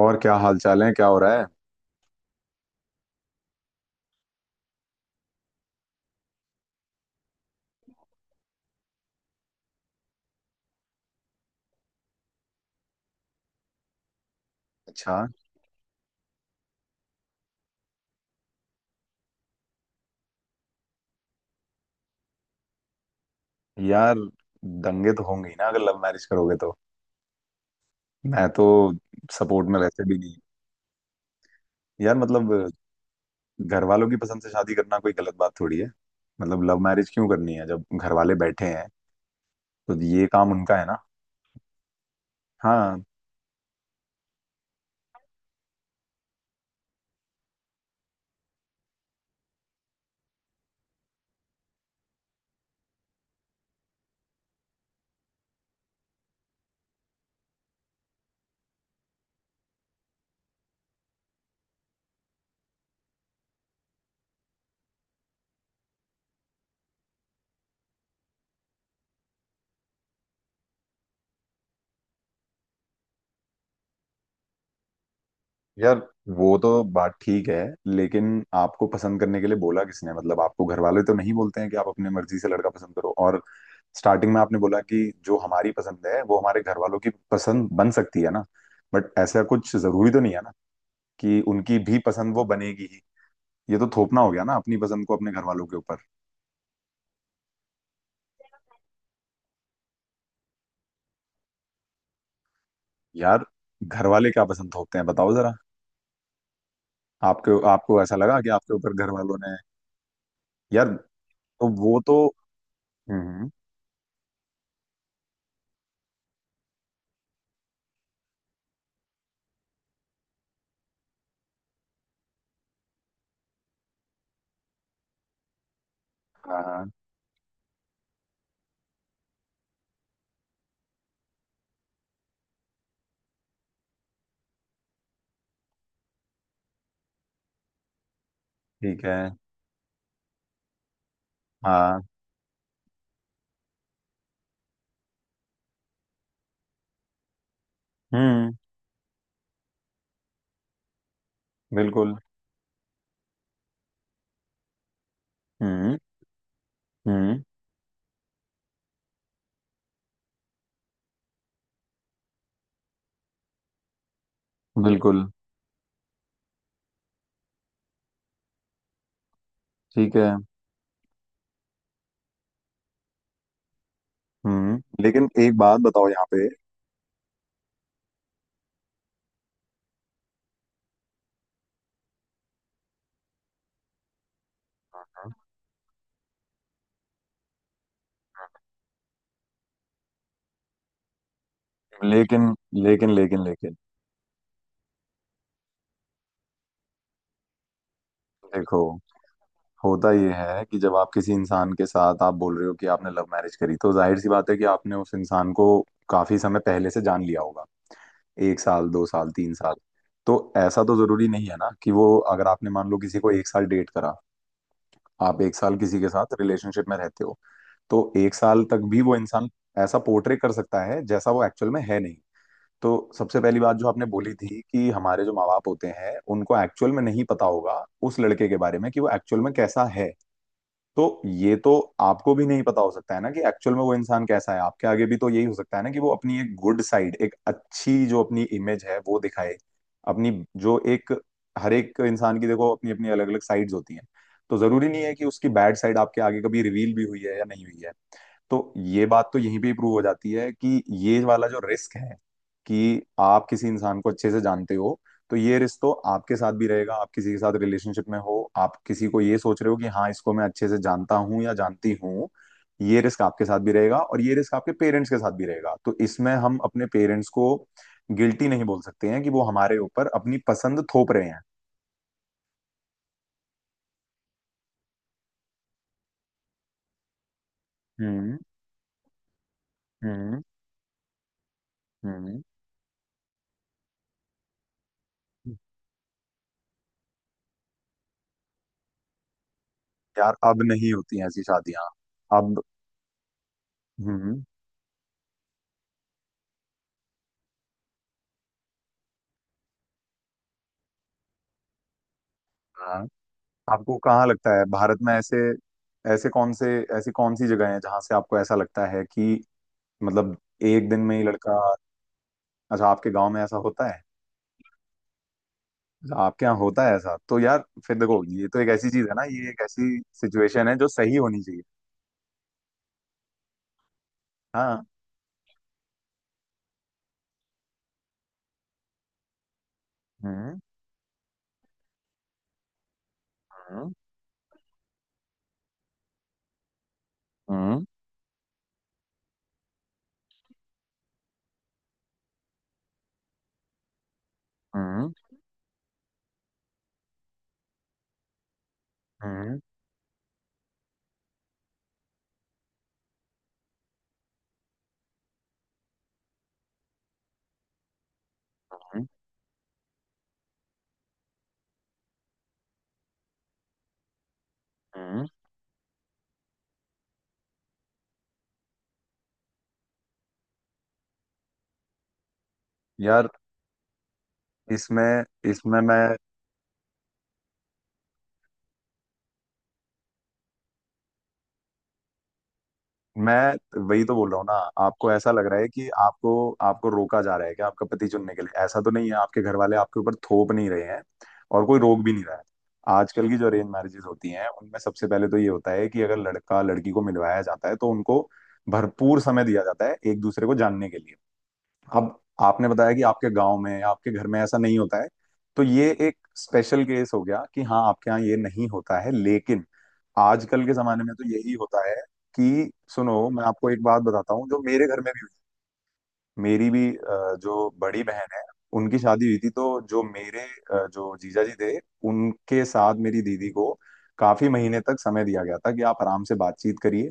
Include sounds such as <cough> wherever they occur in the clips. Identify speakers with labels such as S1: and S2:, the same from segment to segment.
S1: और क्या हाल चाल है? क्या हो रहा है? अच्छा। यार, दंगे तो होंगे ही ना अगर लव मैरिज करोगे तो। मैं तो सपोर्ट में वैसे भी नहीं। यार मतलब, घर वालों की पसंद से शादी करना कोई गलत बात थोड़ी है। मतलब लव मैरिज क्यों करनी है जब घर वाले बैठे हैं, तो ये काम उनका है ना। हाँ। यार, वो तो बात ठीक है, लेकिन आपको पसंद करने के लिए बोला किसने? मतलब आपको घर वाले तो नहीं बोलते हैं कि आप अपने मर्जी से लड़का पसंद करो। और स्टार्टिंग में आपने बोला कि जो हमारी पसंद है वो हमारे घर वालों की पसंद बन सकती है ना, बट ऐसा कुछ जरूरी तो नहीं है ना कि उनकी भी पसंद वो बनेगी ही। ये तो थोपना हो गया ना, अपनी पसंद को अपने घर वालों के ऊपर। यार, घर वाले क्या पसंद थोपते हैं, बताओ जरा। आपके, आपको ऐसा लगा कि आपके ऊपर घर वालों ने? यार, तो वो तो, हम्म। हाँ हाँ, ठीक है। हाँ। हम्म, बिल्कुल। हम्म। हम्म, बिल्कुल। ठीक है। हम्म। लेकिन एक बात बताओ यहाँ पे। लेकिन लेकिन लेकिन लेकिन देखो, होता यह है कि जब आप किसी इंसान के साथ, आप बोल रहे हो कि आपने लव मैरिज करी, तो जाहिर सी बात है कि आपने उस इंसान को काफी समय पहले से जान लिया होगा। एक साल, 2 साल, 3 साल। तो ऐसा तो जरूरी नहीं है ना कि वो, अगर आपने मान लो किसी को एक साल डेट करा, आप एक साल किसी के साथ रिलेशनशिप में रहते हो, तो एक साल तक भी वो इंसान ऐसा पोर्ट्रे कर सकता है जैसा वो एक्चुअल में है नहीं। तो सबसे पहली बात जो आपने बोली थी कि हमारे जो माँ बाप होते हैं उनको एक्चुअल में नहीं पता होगा उस लड़के के बारे में कि वो एक्चुअल में कैसा है, तो ये तो आपको भी नहीं पता हो सकता है ना कि एक्चुअल में वो इंसान कैसा है। आपके आगे भी तो यही हो सकता है ना कि वो अपनी एक गुड साइड, एक अच्छी जो अपनी इमेज है वो दिखाए। अपनी जो एक हर एक इंसान की देखो अपनी अपनी अलग अलग साइड्स होती हैं, तो जरूरी नहीं है कि उसकी बैड साइड आपके आगे कभी रिवील भी हुई है या नहीं हुई है। तो ये बात तो यहीं पे ही प्रूव हो जाती है कि ये वाला जो रिस्क है कि आप किसी इंसान को अच्छे से जानते हो, तो ये रिस्क तो आपके साथ भी रहेगा। आप किसी के साथ रिलेशनशिप में हो, आप किसी को ये सोच रहे हो कि हाँ इसको मैं अच्छे से जानता हूँ या जानती हूँ, ये रिस्क आपके साथ भी रहेगा और ये रिस्क आपके पेरेंट्स के साथ भी रहेगा। तो इसमें हम अपने पेरेंट्स को गिल्टी नहीं बोल सकते हैं कि वो हमारे ऊपर अपनी पसंद थोप रहे हैं। हम्म। हम्म। हम्म। यार, अब नहीं होती हैं ऐसी शादियां। अब, हम्म। हाँ। आपको कहाँ लगता है भारत में ऐसे ऐसे कौन से ऐसी कौन सी जगह है जहां से आपको ऐसा लगता है कि, मतलब एक दिन में ही लड़का? अच्छा, आपके गांव में ऐसा होता है? अच्छा, आपके यहाँ होता है ऐसा? तो यार, फिर देखो, ये तो एक ऐसी चीज है ना, ये एक ऐसी सिचुएशन है जो सही होनी चाहिए। हाँ। हम्म। हम्म। हम्म। हम्म। हम्म। हम्म, हम्म। यार, इसमें इसमें मैं वही तो बोल रहा हूँ ना। आपको ऐसा लग रहा है कि आपको आपको रोका जा रहा है कि आपका पति चुनने के लिए? ऐसा तो नहीं है, आपके घर वाले आपके ऊपर थोप नहीं रहे हैं, और कोई रोक भी नहीं रहा है। आजकल की जो अरेंज मैरिजेज होती हैं उनमें सबसे पहले तो ये होता है कि अगर लड़का लड़की को मिलवाया जाता है तो उनको भरपूर समय दिया जाता है एक दूसरे को जानने के लिए। अब, आपने बताया कि आपके गांव में, आपके घर में ऐसा नहीं होता है, तो ये एक स्पेशल केस हो गया कि हाँ आपके यहाँ ये नहीं होता है, लेकिन आजकल के जमाने में तो यही होता है कि, सुनो, मैं आपको एक बात बताता हूँ जो मेरे घर में भी हुई। मेरी भी जो बड़ी बहन है, उनकी शादी हुई थी, तो जो मेरे जो जीजा जी थे, उनके साथ मेरी दीदी को काफी महीने तक समय दिया गया था कि आप आराम से बातचीत करिए,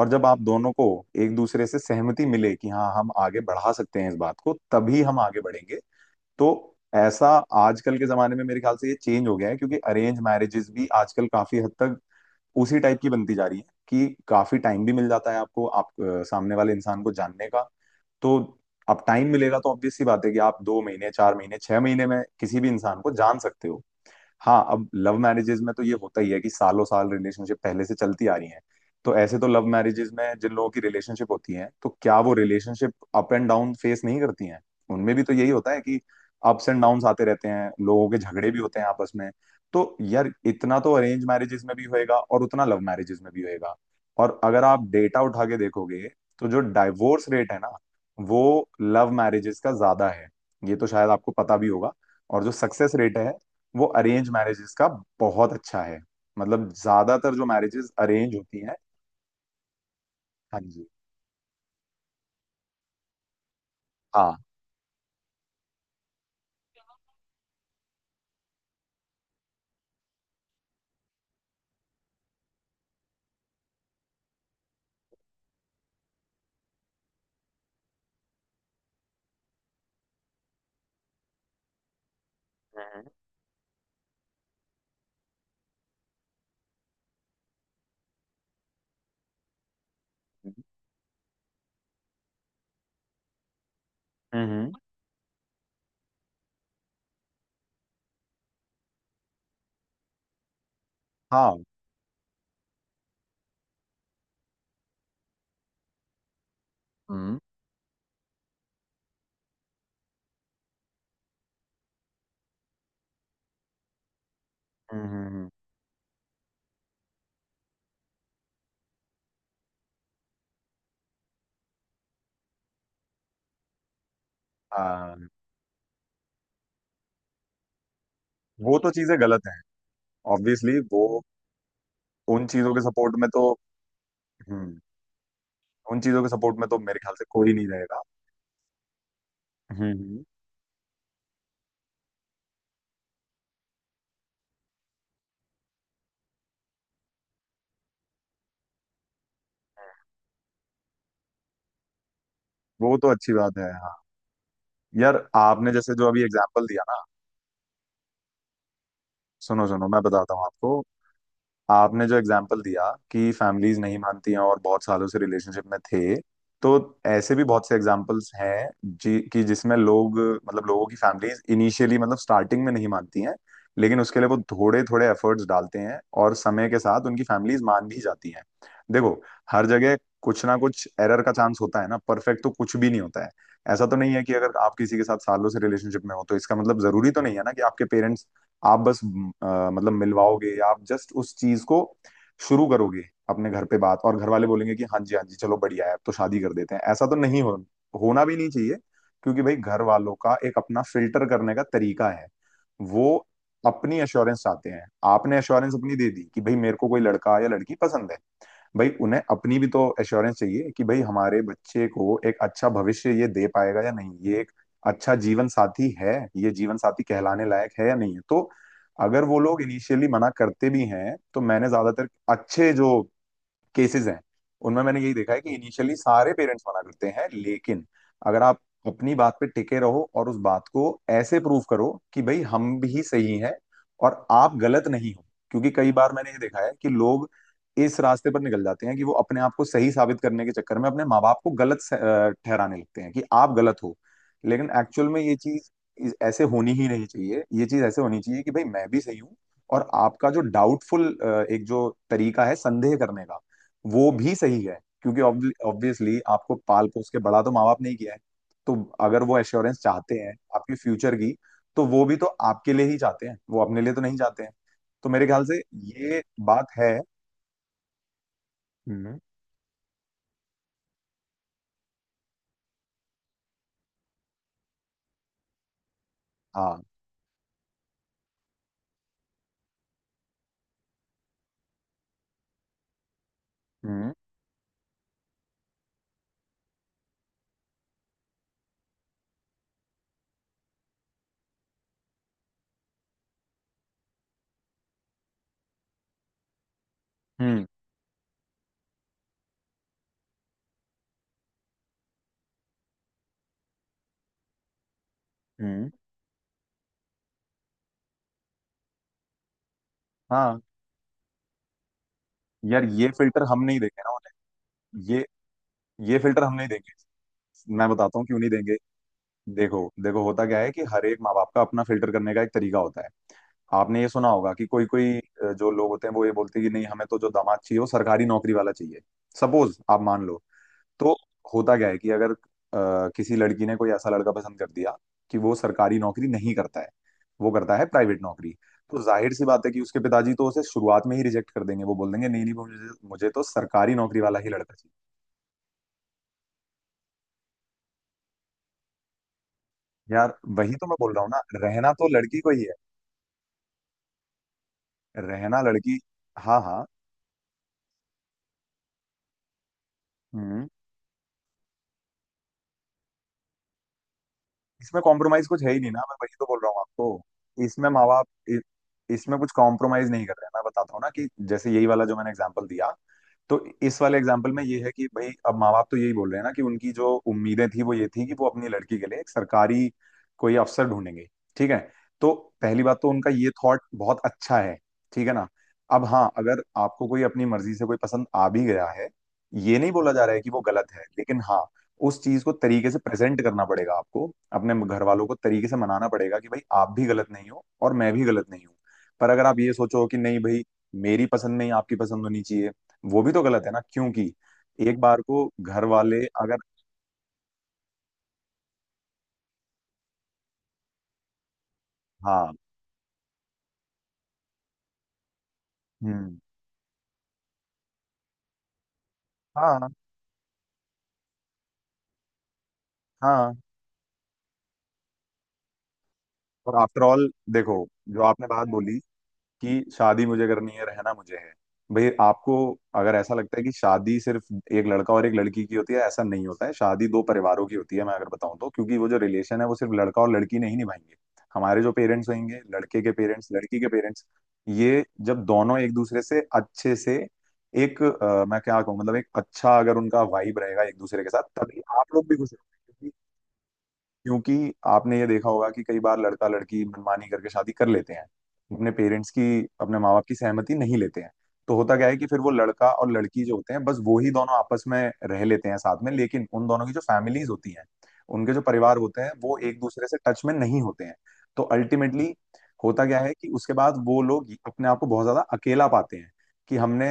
S1: और जब आप दोनों को एक दूसरे से सहमति मिले कि हाँ हम आगे बढ़ा सकते हैं इस बात को, तभी हम आगे बढ़ेंगे। तो ऐसा, आजकल के जमाने में मेरे ख्याल से ये चेंज हो गया है, क्योंकि अरेंज मैरिजेस भी आजकल काफी हद तक उसी टाइप की बनती जा रही है कि काफी टाइम भी मिल जाता है आपको, आप सामने वाले इंसान को जानने का। तो अब टाइम मिलेगा, तो ऑब्वियस सी बात है कि आप 2 महीने, 4 महीने, 6 महीने में किसी भी इंसान को जान सकते हो। हाँ, अब लव मैरिजेज में तो ये होता ही है कि सालों साल रिलेशनशिप पहले से चलती आ रही है, तो ऐसे तो लव मैरिजेज में जिन लोगों की रिलेशनशिप होती है, तो क्या वो relationship up and down face नहीं करती हैं? उनमें भी तो यही होता है कि अप्स एंड डाउन्स आते रहते हैं, लोगों के झगड़े भी होते हैं आपस में। तो यार, इतना तो अरेंज मैरिजेज में भी होएगा और उतना लव मैरिजेज में भी होएगा। और अगर आप डेटा उठा के देखोगे, तो जो डाइवोर्स रेट है ना, वो लव मैरिजेस का ज्यादा है, ये तो शायद आपको पता भी होगा। और जो सक्सेस रेट है, वो अरेंज मैरिजेस का बहुत अच्छा है। मतलब ज्यादातर जो मैरिजेस अरेंज होती हैं। हाँ जी। हाँ। हम्म। हम्म, हाँ। हम्म। हम्म। हाँ, वो तो चीजें गलत हैं, ऑब्वियसली वो, उन चीजों के सपोर्ट में तो, हम्म, उन चीजों के सपोर्ट में तो मेरे ख्याल से कोई नहीं रहेगा। हम्म। वो तो अच्छी बात है, हाँ। यार, आपने जैसे जो अभी एग्जांपल दिया ना, सुनो सुनो, मैं बताता हूँ आपको। आपने जो एग्जाम्पल दिया कि फैमिलीज नहीं मानती हैं और बहुत सालों से रिलेशनशिप में थे, तो ऐसे भी बहुत से एग्जाम्पल्स हैं जी, कि जिसमें लोग, मतलब लोगों की फैमिलीज इनिशियली, मतलब स्टार्टिंग में नहीं मानती हैं, लेकिन उसके लिए वो थोड़े थोड़े एफर्ट्स डालते हैं और समय के साथ उनकी फैमिलीज मान भी जाती हैं। देखो, हर जगह कुछ ना कुछ एरर का चांस होता है ना, परफेक्ट तो कुछ भी नहीं होता है। ऐसा तो नहीं है कि अगर आप किसी के साथ सालों से रिलेशनशिप में हो तो इसका मतलब जरूरी तो नहीं है ना कि आपके पेरेंट्स, आप बस मतलब मिलवाओगे, या आप जस्ट उस चीज को शुरू करोगे अपने घर पे बात, और घर वाले बोलेंगे कि हाँ जी हाँ जी चलो बढ़िया है, अब तो शादी कर देते हैं। ऐसा तो नहीं होना भी नहीं चाहिए। क्योंकि भाई, घर वालों का एक अपना फिल्टर करने का तरीका है। वो अपनी अश्योरेंस चाहते हैं। आपने अश्योरेंस अपनी दे दी कि भाई मेरे को कोई लड़का या लड़की पसंद है, भाई उन्हें अपनी भी तो एश्योरेंस चाहिए कि भाई हमारे बच्चे को एक अच्छा भविष्य ये दे पाएगा या नहीं, ये एक अच्छा जीवन साथी है, ये जीवन साथी कहलाने लायक है या नहीं है। तो अगर वो लोग इनिशियली मना करते भी हैं, तो मैंने ज्यादातर अच्छे जो केसेस हैं, उनमें मैंने यही देखा है कि इनिशियली सारे पेरेंट्स मना करते हैं, लेकिन अगर आप अपनी बात पे टिके रहो और उस बात को ऐसे प्रूव करो कि भाई हम भी सही हैं और आप गलत नहीं हो। क्योंकि कई बार मैंने ये देखा है कि लोग इस रास्ते पर निकल जाते हैं कि वो अपने आप को सही साबित करने के चक्कर में अपने माँ बाप को गलत ठहराने लगते हैं कि आप गलत हो। लेकिन एक्चुअल में ये चीज ऐसे होनी ही नहीं चाहिए। ये चीज ऐसे होनी चाहिए कि भाई मैं भी सही हूँ, और आपका जो डाउटफुल, एक जो तरीका है संदेह करने का, वो भी सही है, क्योंकि ऑब्वियसली आपको पाल पोस के बड़ा तो माँ बाप नहीं किया है। तो अगर वो एश्योरेंस चाहते हैं आपके फ्यूचर की, तो वो भी तो आपके लिए ही चाहते हैं, वो अपने लिए तो नहीं चाहते हैं। तो मेरे ख्याल से, ये बात है। हम्म। हाँ। हम्म। हम्म। हम्म। हाँ। यार, ये फिल्टर हम नहीं देंगे ना उन्हें, ये फिल्टर हम नहीं देंगे। मैं बताता हूँ क्यों नहीं देंगे। देखो देखो, होता क्या है कि हर एक माँ बाप का अपना फिल्टर करने का एक तरीका होता है। आपने ये सुना होगा कि कोई कोई जो लोग होते हैं वो ये बोलते हैं कि नहीं हमें तो जो दामाद चाहिए वो सरकारी नौकरी वाला चाहिए। सपोज आप मान लो, तो होता क्या है कि अगर किसी लड़की ने कोई ऐसा लड़का पसंद कर दिया कि वो सरकारी नौकरी नहीं करता है, वो करता है प्राइवेट नौकरी। तो जाहिर सी बात है कि उसके पिताजी तो उसे शुरुआत में ही रिजेक्ट कर देंगे। वो बोल देंगे नहीं नहीं मुझे मुझे तो सरकारी नौकरी वाला ही लड़का चाहिए। यार वही तो मैं बोल रहा हूँ ना। रहना तो लड़की को ही है। रहना लड़की। हाँ हाँ। हम्म, इसमें कॉम्प्रोमाइज कुछ है ही नहीं ना। मैं वही तो बोल रहा हूँ आपको। इसमें माँ बाप इसमें कुछ कॉम्प्रोमाइज नहीं कर रहे हैं। मैं बताता हूँ ना कि जैसे यही वाला जो मैंने एग्जांपल दिया, तो इस वाले एग्जाम्पल में ये है कि भाई अब माँ बाप तो यही बोल रहे हैं ना कि उनकी जो उम्मीदें थी वो ये थी कि वो अपनी लड़की के लिए एक सरकारी कोई अफसर ढूंढेंगे। ठीक है। तो पहली बात तो उनका ये थॉट बहुत अच्छा है। ठीक है ना। अब हाँ, अगर आपको कोई अपनी मर्जी से कोई पसंद आ भी गया है, ये नहीं बोला जा रहा है कि वो गलत है। लेकिन हाँ, उस चीज को तरीके से प्रेजेंट करना पड़ेगा आपको। अपने घर वालों को तरीके से मनाना पड़ेगा कि भाई आप भी गलत नहीं हो और मैं भी गलत नहीं हूँ। पर अगर आप ये सोचो कि नहीं भाई, मेरी पसंद नहीं आपकी पसंद होनी चाहिए, वो भी तो गलत है ना। क्योंकि एक बार को घर वाले अगर। हाँ। हम्म। हाँ हाँ। और आफ्टर ऑल देखो, जो आपने बात बोली कि शादी मुझे करनी है, रहना मुझे है। भाई आपको अगर ऐसा लगता है कि शादी सिर्फ एक लड़का और एक लड़की की होती है, ऐसा नहीं होता है। शादी दो परिवारों की होती है मैं अगर बताऊं तो। क्योंकि वो जो रिलेशन है वो सिर्फ लड़का और लड़की नहीं निभाएंगे। हमारे जो पेरेंट्स होंगे, लड़के के पेरेंट्स, लड़की के पेरेंट्स, ये जब दोनों एक दूसरे से अच्छे से, एक मैं क्या कहूँ, मतलब एक अच्छा अगर उनका वाइब रहेगा एक दूसरे के साथ, तभी आप लोग भी खुश रहोगे। क्योंकि आपने ये देखा होगा कि कई बार लड़का लड़की मनमानी करके शादी कर लेते हैं, अपने पेरेंट्स की, अपने माँ बाप की सहमति नहीं लेते हैं। तो होता क्या है कि फिर वो लड़का और लड़की जो होते हैं, बस वो ही दोनों आपस में रह लेते हैं साथ में। लेकिन उन दोनों की जो फैमिलीज होती हैं, उनके जो परिवार होते हैं, वो एक दूसरे से टच में नहीं होते हैं। तो अल्टीमेटली होता क्या है कि उसके बाद वो लोग अपने आप को बहुत ज्यादा अकेला पाते हैं। कि हमने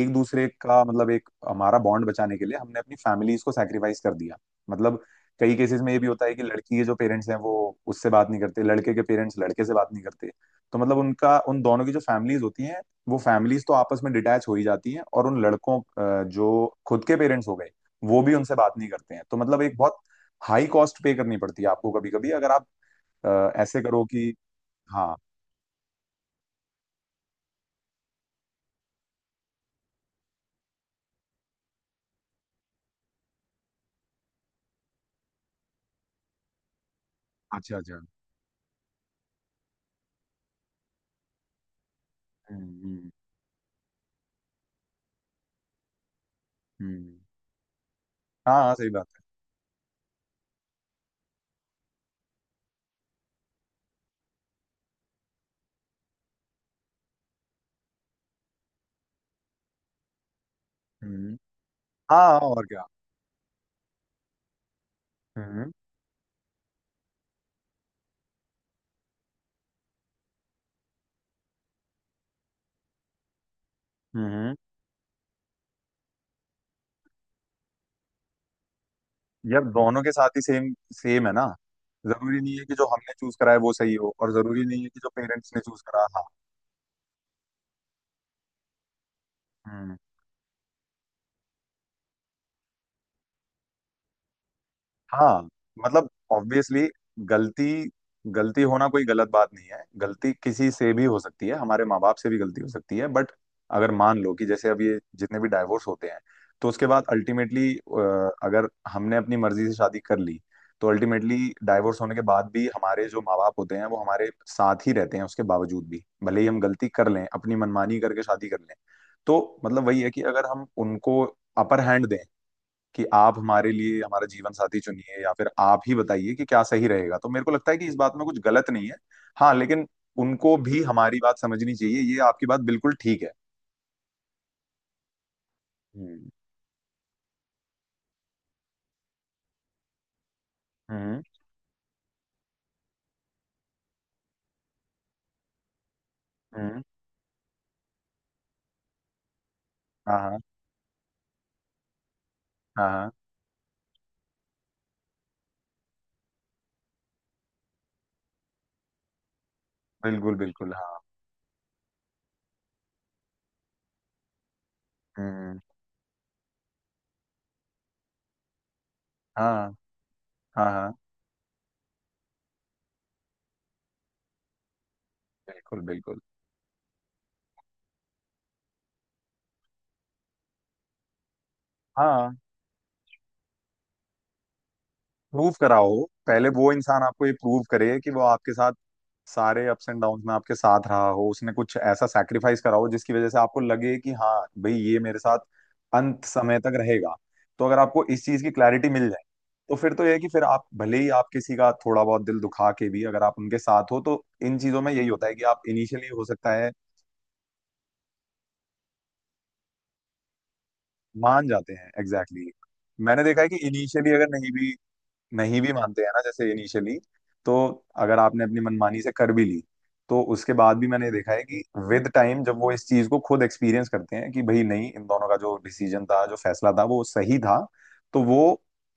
S1: एक दूसरे का मतलब एक हमारा बॉन्ड बचाने के लिए हमने अपनी फैमिलीज को सैक्रिफाइस कर दिया। मतलब कई केसेस में ये भी होता है कि लड़की के जो पेरेंट्स हैं वो उससे बात नहीं करते, लड़के के पेरेंट्स लड़के से बात नहीं करते। तो मतलब उनका, उन दोनों की जो फैमिलीज होती हैं, वो फैमिलीज तो आपस में डिटैच हो ही जाती हैं। और उन लड़कों जो खुद के पेरेंट्स हो गए, वो भी उनसे बात नहीं करते हैं। तो मतलब एक बहुत हाई कॉस्ट पे करनी पड़ती है आपको कभी कभी। अगर आप ऐसे करो कि। हाँ। अच्छा अच्छा। हम्म। हम्म। हाँ हाँ, सही बात है। हम्म। हाँ और क्या। हम्म हम्म। यार दोनों के साथ ही सेम सेम है ना। जरूरी नहीं है कि जो हमने चूज करा है वो सही हो, और जरूरी नहीं है कि जो पेरेंट्स ने चूज करा। हाँ। हम्म। हाँ। मतलब ऑब्वियसली, गलती, गलती होना कोई गलत बात नहीं है। गलती किसी से भी हो सकती है, हमारे माँ बाप से भी गलती हो सकती है। बट अगर मान लो कि जैसे अब ये जितने भी डाइवोर्स होते हैं, तो उसके बाद अल्टीमेटली, अगर हमने अपनी मर्जी से शादी कर ली, तो अल्टीमेटली डाइवोर्स होने के बाद भी हमारे जो माँ बाप होते हैं वो हमारे साथ ही रहते हैं, उसके बावजूद भी भले ही हम गलती कर लें अपनी मनमानी करके शादी कर लें। तो मतलब वही है कि अगर हम उनको अपर हैंड दें कि आप हमारे लिए हमारा जीवन साथी चुनिए, या फिर आप ही बताइए कि क्या सही रहेगा, तो मेरे को लगता है कि इस बात में कुछ गलत नहीं है। हाँ लेकिन उनको भी हमारी बात समझनी चाहिए, ये आपकी बात बिल्कुल ठीक है। हम्म हम्म। हम्म, हाँ हाँ। हाँ हाँ। बिल्कुल बिल्कुल हाँ। हम्म। हाँ हाँ हाँ। बिल्कुल बिल्कुल हाँ। प्रूव कराओ पहले। वो इंसान आपको ये प्रूव करे कि वो आपके साथ सारे अप्स एंड डाउन्स में आपके साथ रहा हो, उसने कुछ ऐसा सैक्रिफाइस करा हो जिसकी वजह से आपको लगे कि हाँ भाई, ये मेरे साथ अंत समय तक रहेगा। तो अगर आपको इस चीज की क्लैरिटी मिल जाए, तो फिर तो यह है कि फिर आप भले ही आप किसी का थोड़ा बहुत दिल दुखा के भी अगर आप उनके साथ हो, तो इन चीजों में यही होता है कि आप इनिशियली हो सकता है मान जाते हैं, एग्जैक्टली exactly। मैंने देखा है कि इनिशियली अगर नहीं भी, नहीं भी मानते हैं ना जैसे इनिशियली। तो अगर आपने अपनी मनमानी से कर भी ली, तो उसके बाद भी मैंने देखा है कि विद टाइम जब वो इस चीज को खुद एक्सपीरियंस करते हैं कि भाई नहीं, इन दोनों का जो डिसीजन था, जो फैसला था, वो सही था। तो वो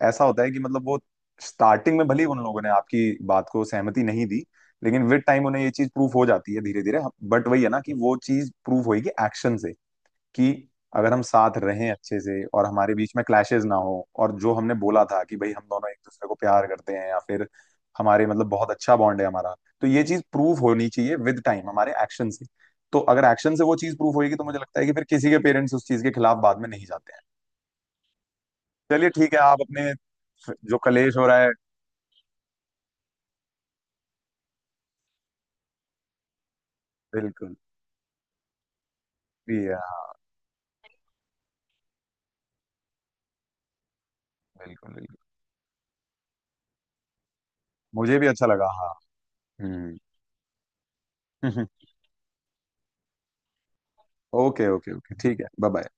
S1: ऐसा होता है कि मतलब वो स्टार्टिंग में भले ही उन लोगों ने आपकी बात को सहमति नहीं दी, लेकिन विद टाइम उन्हें ये चीज प्रूफ हो जाती है धीरे धीरे। बट वही है ना कि वो चीज प्रूफ होगी एक्शन से। कि अगर हम साथ रहें अच्छे से और हमारे बीच में क्लैशेस ना हो, और जो हमने बोला था कि भाई हम दोनों एक दूसरे को प्यार करते हैं, या फिर हमारे मतलब बहुत अच्छा बॉन्ड है हमारा, तो ये चीज प्रूव होनी चाहिए विद टाइम हमारे एक्शन से। तो अगर एक्शन से वो चीज प्रूव होगी, तो मुझे लगता है कि फिर किसी के पेरेंट्स उस चीज के खिलाफ बाद में नहीं जाते हैं। चलिए ठीक है आप अपने जो कलेश हो रहा है। बिल्कुल। जी हाँ। बिल्कुल बिल्कुल। मुझे भी अच्छा लगा। हाँ। हम्म। <laughs> ओके ओके ओके, ठीक है। Bye bye.